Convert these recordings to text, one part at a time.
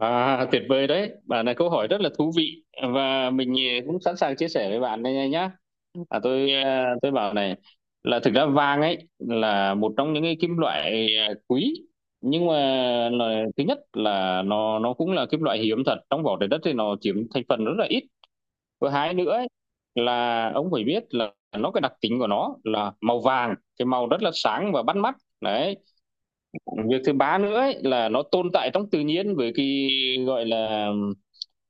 À, tuyệt vời đấy. Bạn là câu hỏi rất là thú vị và mình cũng sẵn sàng chia sẻ với bạn đây nhá. À, tôi bảo này là thực ra vàng ấy là một trong những cái kim loại quý, nhưng mà là, thứ nhất là nó cũng là kim loại hiếm thật, trong vỏ trái đất thì nó chiếm thành phần rất là ít. Thứ hai nữa ấy, là ông phải biết là nó, cái đặc tính của nó là màu vàng, cái màu rất là sáng và bắt mắt. Đấy, việc thứ ba nữa ấy, là nó tồn tại trong tự nhiên với cái gọi là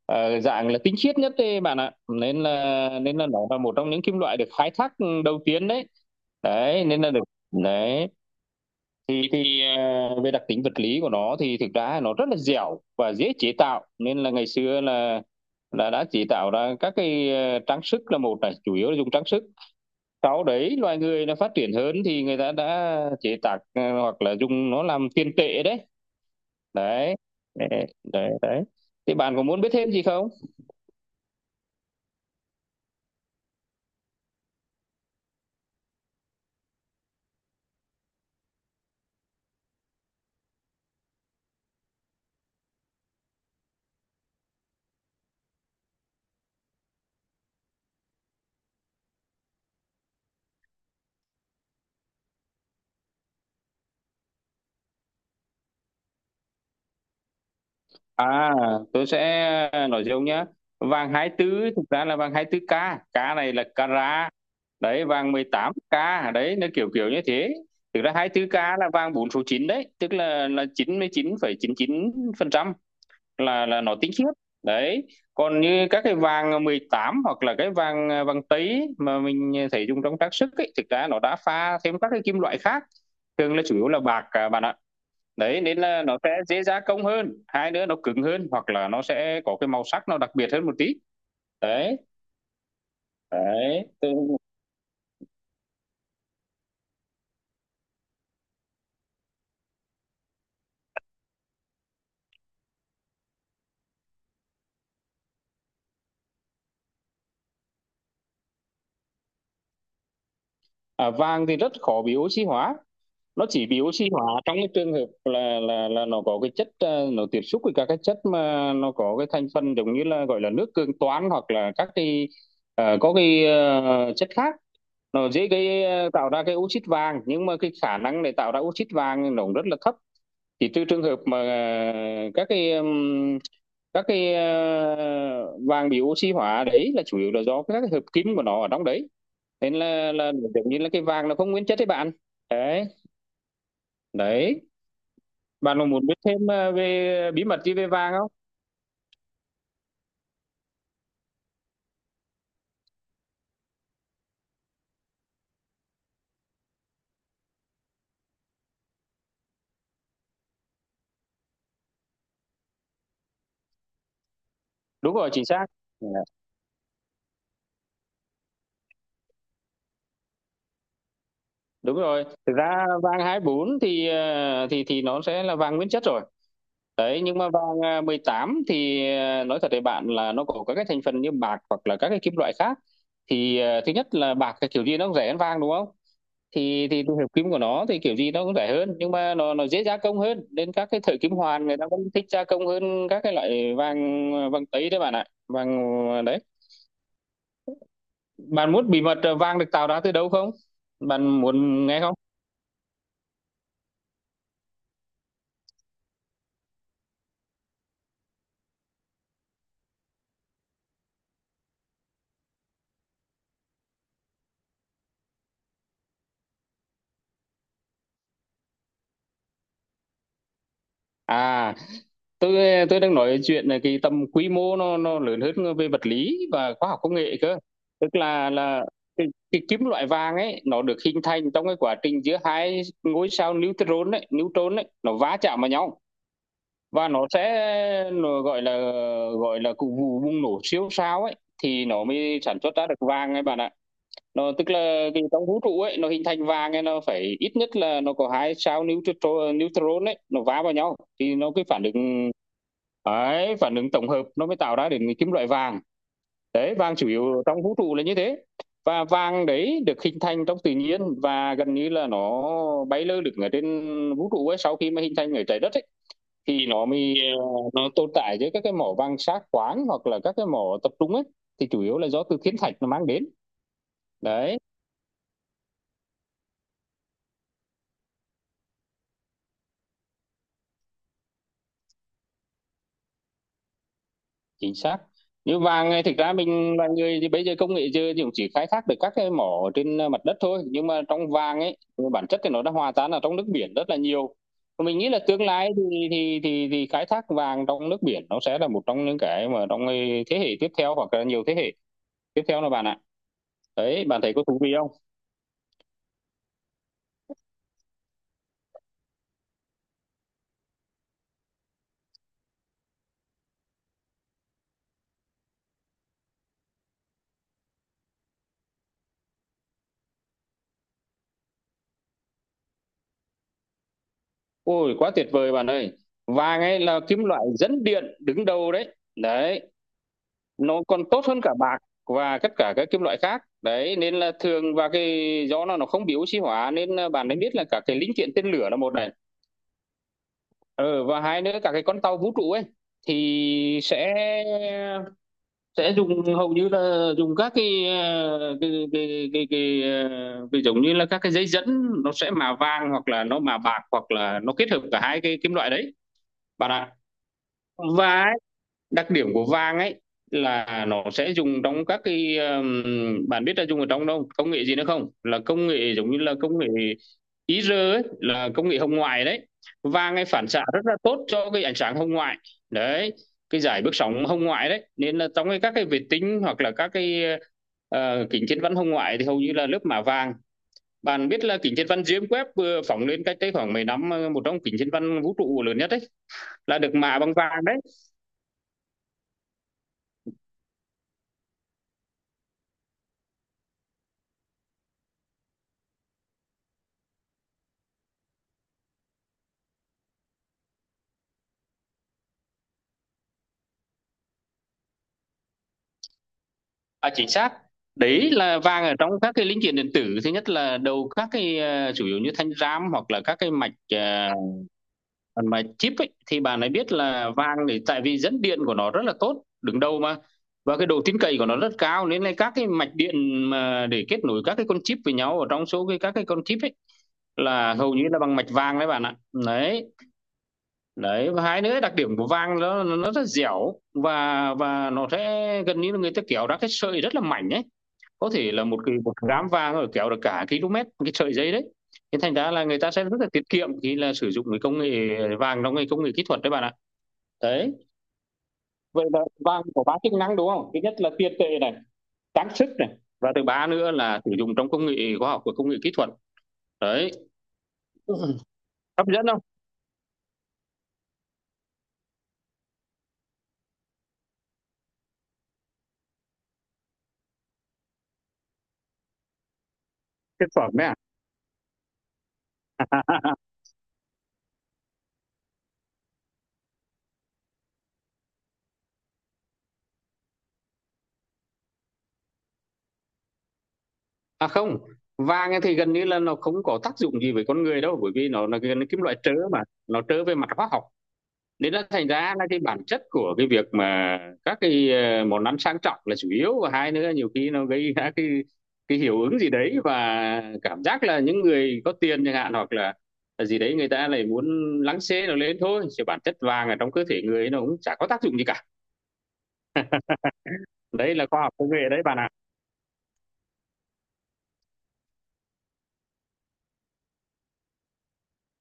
dạng là tinh khiết nhất đấy bạn ạ, nên là nó là một trong những kim loại được khai thác đầu tiên đấy. Đấy nên là được đấy. Thì về đặc tính vật lý của nó thì thực ra nó rất là dẻo và dễ chế tạo, nên là ngày xưa là đã chế tạo ra các cái trang sức là một này, chủ yếu là dùng trang sức. Sau đấy loài người nó phát triển hơn thì người ta đã chế tác, hoặc là dùng nó làm tiền tệ đấy. Đấy đấy đấy đấy. Thì bạn có muốn biết thêm gì không? À, tôi sẽ nói dâu nhá. Vàng 24 thực ra là vàng 24 ca, k này là carat. Đấy, vàng 18 ca, đấy nó kiểu kiểu như thế. Thực ra 24 ca là vàng 4 số chín, đấy tức là chín chín chín mươi phẩy chín chín phần trăm, là nó tinh khiết. Đấy. Còn như các cái vàng 18 hoặc là cái vàng vàng tý mà mình thấy dùng trong trang sức ấy, thực ra nó đã pha thêm các cái kim loại khác, thường là chủ yếu là bạc, à, bạn ạ. Đấy nên là nó sẽ dễ gia công hơn, hai nữa nó cứng hơn, hoặc là nó sẽ có cái màu sắc nó đặc biệt hơn một tí. Đấy đấy. À, vàng thì rất khó bị oxy hóa. Nó chỉ bị oxy hóa trong cái trường hợp là nó có cái chất, nó tiếp xúc với các cái chất mà nó có cái thành phần giống như là gọi là nước cường toan, hoặc là các cái chất khác. Nó dễ gây tạo ra cái oxit vàng, nhưng mà cái khả năng để tạo ra oxit vàng nó cũng rất là thấp. Chỉ trừ trường hợp mà vàng bị oxy hóa đấy là chủ yếu là do các cái hợp kim của nó ở trong đấy, nên là giống như là cái vàng là không nguyên chất đấy bạn. Đấy đấy. Bạn có muốn biết thêm về bí mật gì về vàng không? Đúng rồi, chính xác. Dạ, đúng rồi, thực ra vàng 24 thì thì nó sẽ là vàng nguyên chất rồi. Đấy, nhưng mà vàng, à, 18 thì, nói thật với bạn là nó có các cái thành phần như bạc hoặc là các cái kim loại khác, thì thứ nhất là bạc cái kiểu gì nó cũng rẻ hơn vàng đúng không. Thì tìm hiểu kim của nó thì kiểu gì nó cũng rẻ hơn, nhưng mà nó dễ gia công hơn, nên các cái thợ kim hoàn người ta cũng thích gia công hơn các cái loại vàng, vàng tây đấy bạn ạ. Vàng đấy. Bạn muốn bí mật, vàng được tạo ra từ đâu không? Bạn muốn nghe không? À, tôi tôi đang nói chuyện là cái tầm quy mô nó lớn hơn về vật lý và khoa học công nghệ cơ. Tức là cái kim loại vàng ấy nó được hình thành trong cái quá trình giữa hai ngôi sao neutron ấy nó va chạm vào nhau. Và nó gọi là cụ vụ bùng nổ siêu sao ấy, thì nó mới sản xuất ra được vàng ấy bạn ạ. Nó tức là cái trong vũ trụ ấy nó hình thành vàng ấy nó phải ít nhất là nó có hai sao neutron neutron ấy nó va vào nhau, thì nó cái phản ứng ấy phản ứng tổng hợp nó mới tạo ra đến cái kim loại vàng. Đấy, vàng chủ yếu trong vũ trụ là như thế. Và vàng đấy được hình thành trong tự nhiên và gần như là nó bay lơ lửng ở trên vũ trụ ấy, sau khi mà hình thành ở trái đất ấy thì nó tồn tại với các cái mỏ vàng sát khoáng hoặc là các cái mỏ tập trung ấy, thì chủ yếu là do từ thiên thạch nó mang đến. Đấy chính xác. Như vàng này thực ra mình là người thì bây giờ công nghệ giờ thì cũng chỉ khai thác được các cái mỏ trên, mặt đất thôi, nhưng mà trong vàng ấy bản chất thì nó đã hòa tan ở trong nước biển rất là nhiều. Và mình nghĩ là tương lai thì thì khai thác vàng trong nước biển nó sẽ là một trong những cái mà trong, thế hệ tiếp theo hoặc là nhiều thế hệ tiếp theo là bạn ạ. Đấy bạn thấy có thú vị không? Ôi quá tuyệt vời bạn ơi. Vàng ấy là kim loại dẫn điện đứng đầu đấy. Đấy, nó còn tốt hơn cả bạc và tất cả các kim loại khác. Đấy nên là thường, và cái do nó không bị oxy hóa, nên là bạn ấy biết là cả cái linh kiện tên lửa là một này. Ờ và hai nữa cả cái con tàu vũ trụ ấy thì sẽ dùng hầu như là dùng các cái ờ, cái cái cái, cái, ờ, cái giống như là các cái dây dẫn, nó sẽ mạ vàng hoặc là nó mạ bạc hoặc là nó kết hợp cả hai cái kim loại đấy bạn ạ. Và đặc điểm của vàng ấy là nó sẽ dùng trong các cái, bạn biết là dùng ở trong đâu công nghệ gì nữa không, là công nghệ giống như là công nghệ IR ấy, là công nghệ hồng ngoại đấy. Vàng ấy phản xạ rất là tốt cho cái ánh sáng hồng ngoại đấy, cái giải bước sóng hồng ngoại đấy, nên là trong cái các cái vệ tinh hoặc là các cái, kính thiên văn hồng ngoại thì hầu như là lớp mạ vàng. Bạn biết là kính thiên văn James Webb vừa phóng lên cách đây khoảng mấy năm, một trong kính thiên văn vũ trụ lớn nhất đấy là được mạ bằng vàng đấy. À, chính xác. Đấy là vàng ở trong các cái linh kiện điện tử, thứ nhất là đầu các cái, chủ yếu như thanh RAM hoặc là các cái mạch, phần mà chip ấy, thì bạn ấy biết là vàng thì tại vì dẫn điện của nó rất là tốt đứng đầu mà, và cái độ tin cậy của nó rất cao, nên là các cái mạch điện mà để kết nối các cái con chip với nhau ở trong số cái các cái con chip ấy là hầu như là bằng mạch vàng đấy bạn ạ. Đấy. Đấy và hai nữa đặc điểm của vàng nó rất dẻo, và nó sẽ gần như là người ta kéo ra cái sợi rất là mảnh ấy, có thể là một cái một gám vàng rồi kéo được cả km cái sợi dây đấy, thế thành ra là người ta sẽ rất là tiết kiệm khi là sử dụng cái công nghệ vàng trong cái công nghệ kỹ thuật đấy bạn ạ. Đấy. Vậy là vàng có ba chức năng đúng không, thứ nhất là tiền tệ này, trang sức này, và thứ ba nữa là sử dụng trong công nghệ khoa học và công nghệ kỹ thuật. Đấy hấp dẫn không? Thực phẩm đấy à? À không, vàng thì gần như là nó không có tác dụng gì với con người đâu, bởi vì nó là cái kim loại trớ mà, nó trớ về mặt hóa học, nên nó thành ra là cái bản chất của cái việc mà các cái, món ăn sang trọng là chủ yếu, và hai nữa nhiều khi nó gây ra cái hiệu ứng gì đấy, và cảm giác là những người có tiền chẳng hạn hoặc là gì đấy, người ta lại muốn lắng xê nó lên thôi, chứ bản chất vàng ở trong cơ thể người nó cũng chả có tác dụng gì cả. Đấy là khoa học công nghệ đấy bạn ạ. À,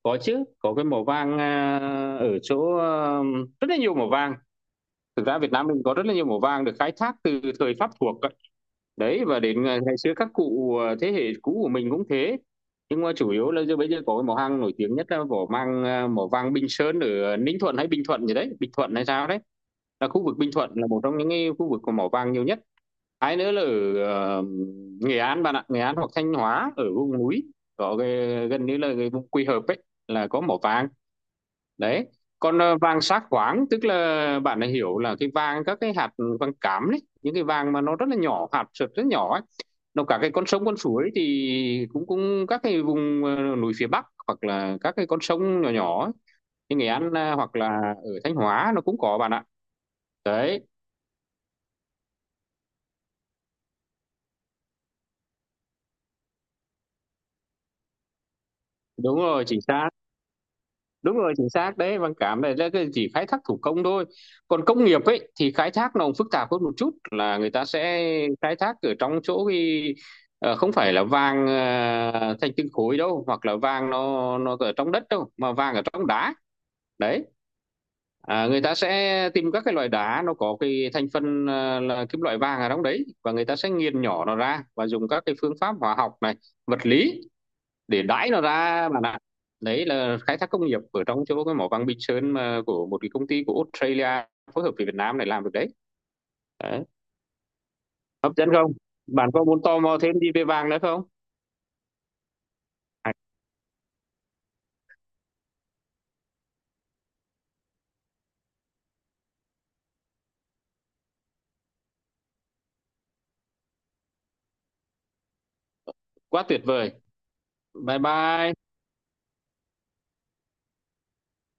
có chứ, có cái màu vàng, à, ở chỗ, à, rất là nhiều màu vàng. Thực ra Việt Nam mình có rất là nhiều màu vàng được khai thác từ thời Pháp thuộc đấy, và đến ngày ngày xưa các cụ, thế hệ cũ của mình cũng thế, nhưng mà chủ yếu là giờ bây giờ có cái mỏ hang nổi tiếng nhất là mỏ vàng Bình Sơn ở, Ninh Thuận hay Bình Thuận gì đấy, Bình Thuận hay sao đấy, là khu vực Bình Thuận là một trong những cái khu vực có mỏ vàng nhiều nhất. Hai nữa là ở, ờ, Nghệ An bạn ạ, Nghệ An hoặc Thanh Hóa ở vùng núi, có cái gần như là cái vùng Quỳ Hợp ấy là có mỏ vàng đấy. Còn vàng sát quáng tức là bạn đã hiểu là cái vàng các cái hạt vàng cám đấy, những cái vàng mà nó rất là nhỏ hạt sật rất nhỏ ấy, nó cả cái con sông con suối thì cũng cũng các cái vùng, núi phía Bắc hoặc là các cái con sông nhỏ nhỏ ấy, như Nghệ An, hoặc là ở Thanh Hóa nó cũng có bạn ạ. Đấy. Đúng rồi chính xác. Đúng rồi chính xác đấy. Văn cảm này là cái chỉ khai thác thủ công thôi, còn công nghiệp ấy thì khai thác nó cũng phức tạp hơn một chút, là người ta sẽ khai thác ở trong chỗ cái, không phải là vàng, thành từng khối đâu hoặc là vàng nó ở trong đất đâu, mà vàng ở trong đá đấy. À, người ta sẽ tìm các cái loại đá nó có cái thành phần, là kim loại vàng ở trong đấy, và người ta sẽ nghiền nhỏ nó ra và dùng các cái phương pháp hóa học này, vật lý, để đãi nó ra bạn ạ. Đấy là khai thác công nghiệp ở trong chỗ cái mỏ vàng Bình Sơn mà của một cái công ty của Australia phối hợp với Việt Nam này làm được đấy. Đấy. Hấp dẫn không? Bạn có muốn tò mò thêm gì về vàng nữa không? À, quá tuyệt vời. Bye bye.